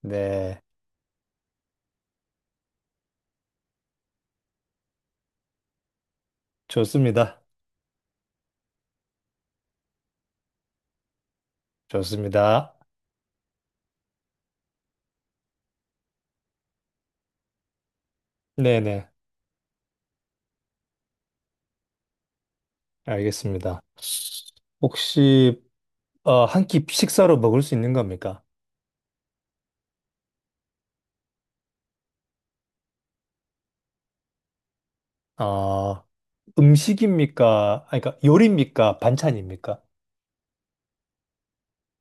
네, 좋습니다. 좋습니다. 네네, 알겠습니다. 혹시 한 끼 식사로 먹을 수 있는 겁니까? 어, 음식입니까? 아니, 그러니까 요리입니까? 반찬입니까?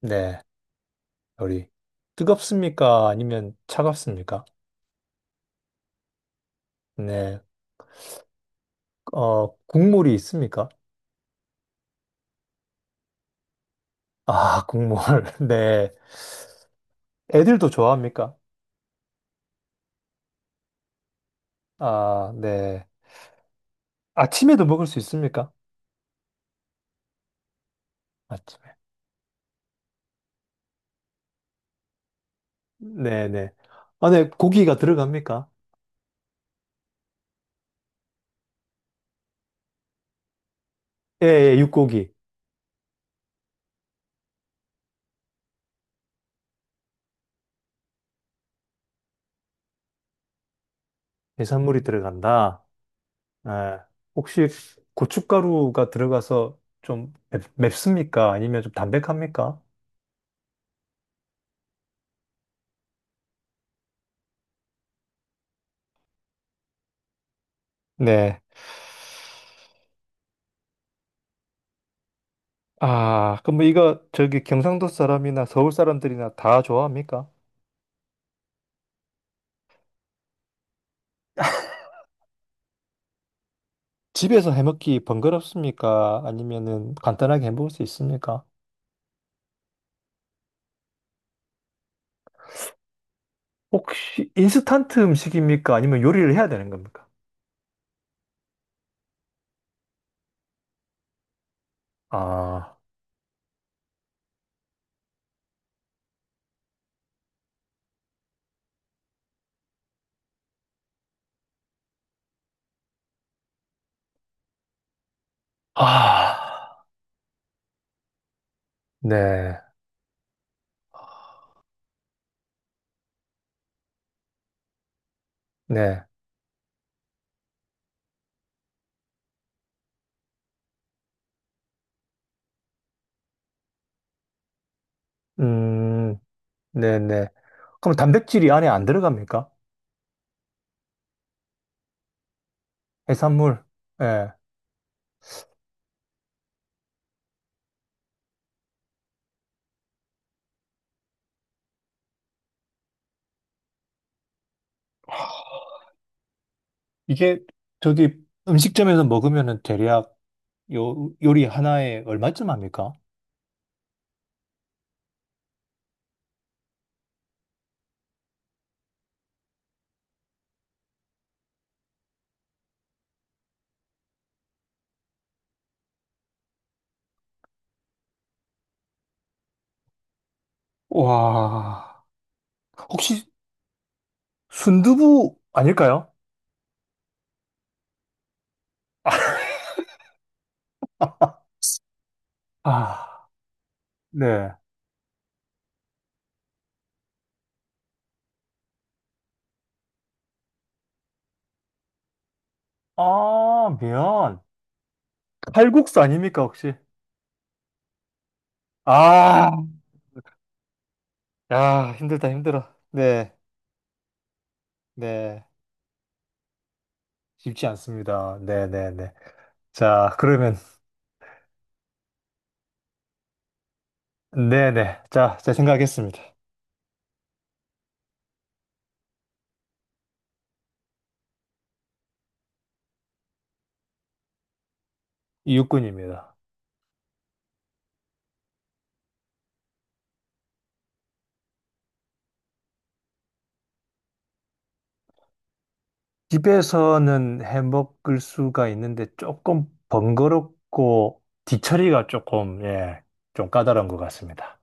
네, 요리. 뜨겁습니까? 아니면 차갑습니까? 네, 국물이 있습니까? 아, 국물. 네. 애들도 좋아합니까? 아, 네. 아침에도 먹을 수 있습니까? 아침에. 네네. 안에 고기가 들어갑니까? 예, 예, 육고기. 해산물이 들어간다. 예. 혹시 고춧가루가 들어가서 좀 맵습니까? 아니면 좀 담백합니까? 네. 아, 그럼 뭐 이거 저기 경상도 사람이나 서울 사람들이나 다 좋아합니까? 집에서 해먹기 번거롭습니까? 아니면은 간단하게 해먹을 수 있습니까? 혹시 인스턴트 음식입니까? 아니면 요리를 해야 되는 겁니까? 아, 아, 네, 아, 네. 음. 네네. 그럼 단백질이 안에 안 들어갑니까? 해산물. 예. 이게 저기 음식점에서 먹으면은 대략 요 요리 하나에 얼마쯤 합니까? 와, 혹시 순두부 아닐까요? 아, 네. 아, 미안. 칼국수 아닙니까, 혹시? 아, 야, 힘들다, 힘들어. 네, 네. 쉽지 않습니다. 네, 네, 네. 자, 그러면, 네, 네. 자, 제 생각했습니다. 육군입니다. 집에서는 해 먹을 수가 있는데 조금 번거롭고 뒤처리가 조금, 예, 좀 까다로운 것 같습니다.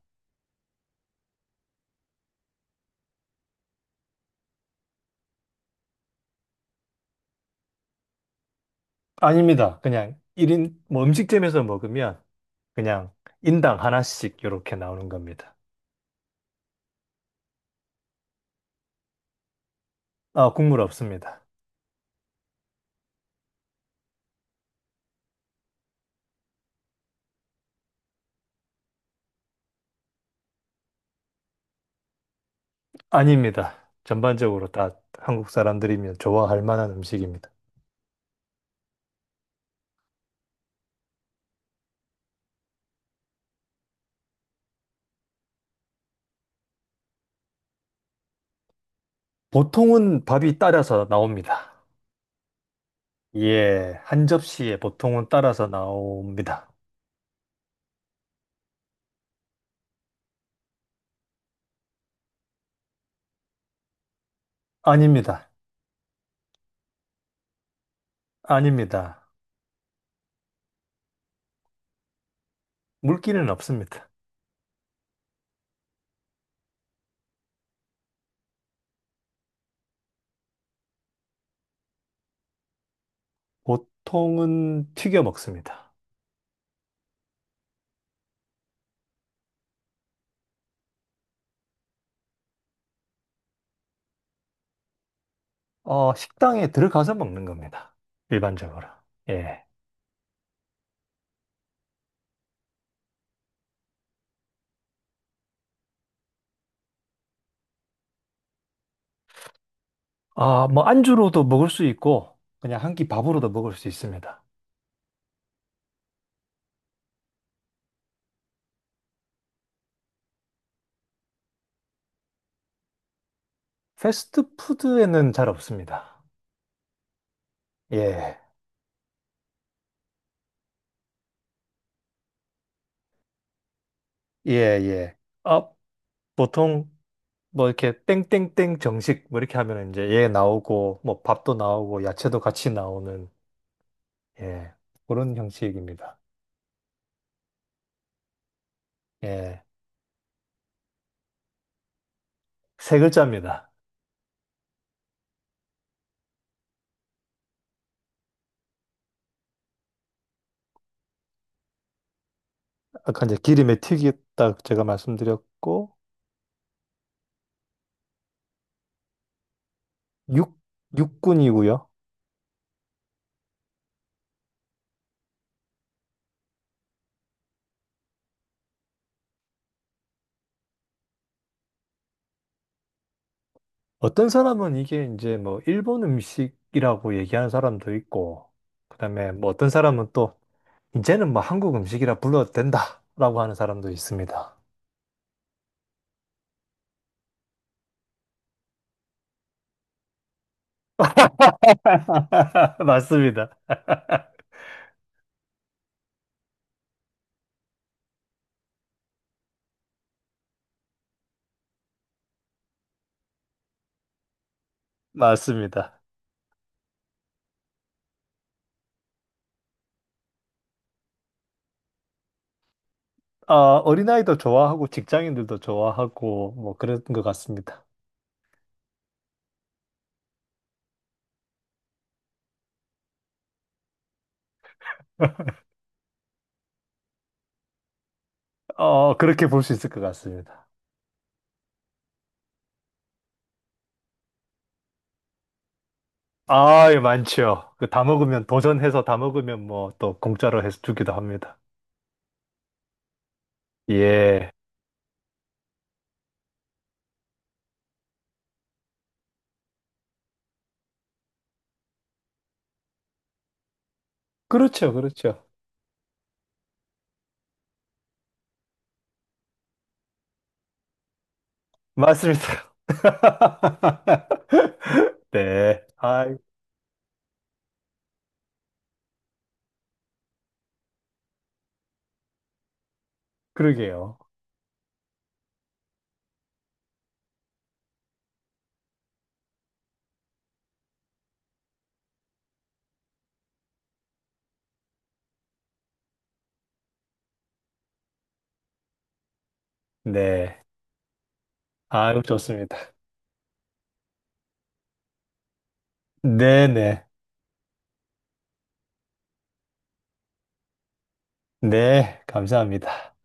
아닙니다. 그냥 일인뭐 음식점에서 먹으면 그냥 인당 하나씩 이렇게 나오는 겁니다. 아, 국물 없습니다. 아닙니다. 전반적으로 다 한국 사람들이면 좋아할 만한 음식입니다. 보통은 밥이 따라서 나옵니다. 예, 한 접시에 보통은 따라서 나옵니다. 아닙니다. 아닙니다. 물기는 없습니다. 보통은 튀겨 먹습니다. 식당에 들어가서 먹는 겁니다. 일반적으로. 예. 아, 뭐 안주로도 먹을 수 있고 그냥 한 끼 밥으로도 먹을 수 있습니다. 패스트푸드에는 잘 없습니다. 예. 예, 예. 아, 보통 뭐 이렇게 땡땡땡 정식 뭐 이렇게 하면 이제 얘 나오고 뭐 밥도 나오고 야채도 같이 나오는 예. 그런 형식입니다. 예. 세 글자입니다. 아까 이제 기름에 튀겼다 제가 말씀드렸고 육 육군이고요. 어떤 사람은 이게 이제 뭐 일본 음식이라고 얘기하는 사람도 있고 그다음에 뭐 어떤 사람은 또 이제는 뭐 한국 음식이라 불러도 된다라고 하는 사람도 있습니다. 맞습니다. 맞습니다. 어, 어린아이도 좋아하고 직장인들도 좋아하고 뭐 그런 것 같습니다. 어, 그렇게 볼 수 있을 것 같습니다. 아, 예, 많지요. 그 다 먹으면, 도전해서 다 먹으면 뭐 또 공짜로 해서 주기도 합니다. 예. 그렇죠, 그렇죠. 맞습니다. 네. 아, 그러게요. 네. 아 좋습니다. 네네. 네. 네, 감사합니다.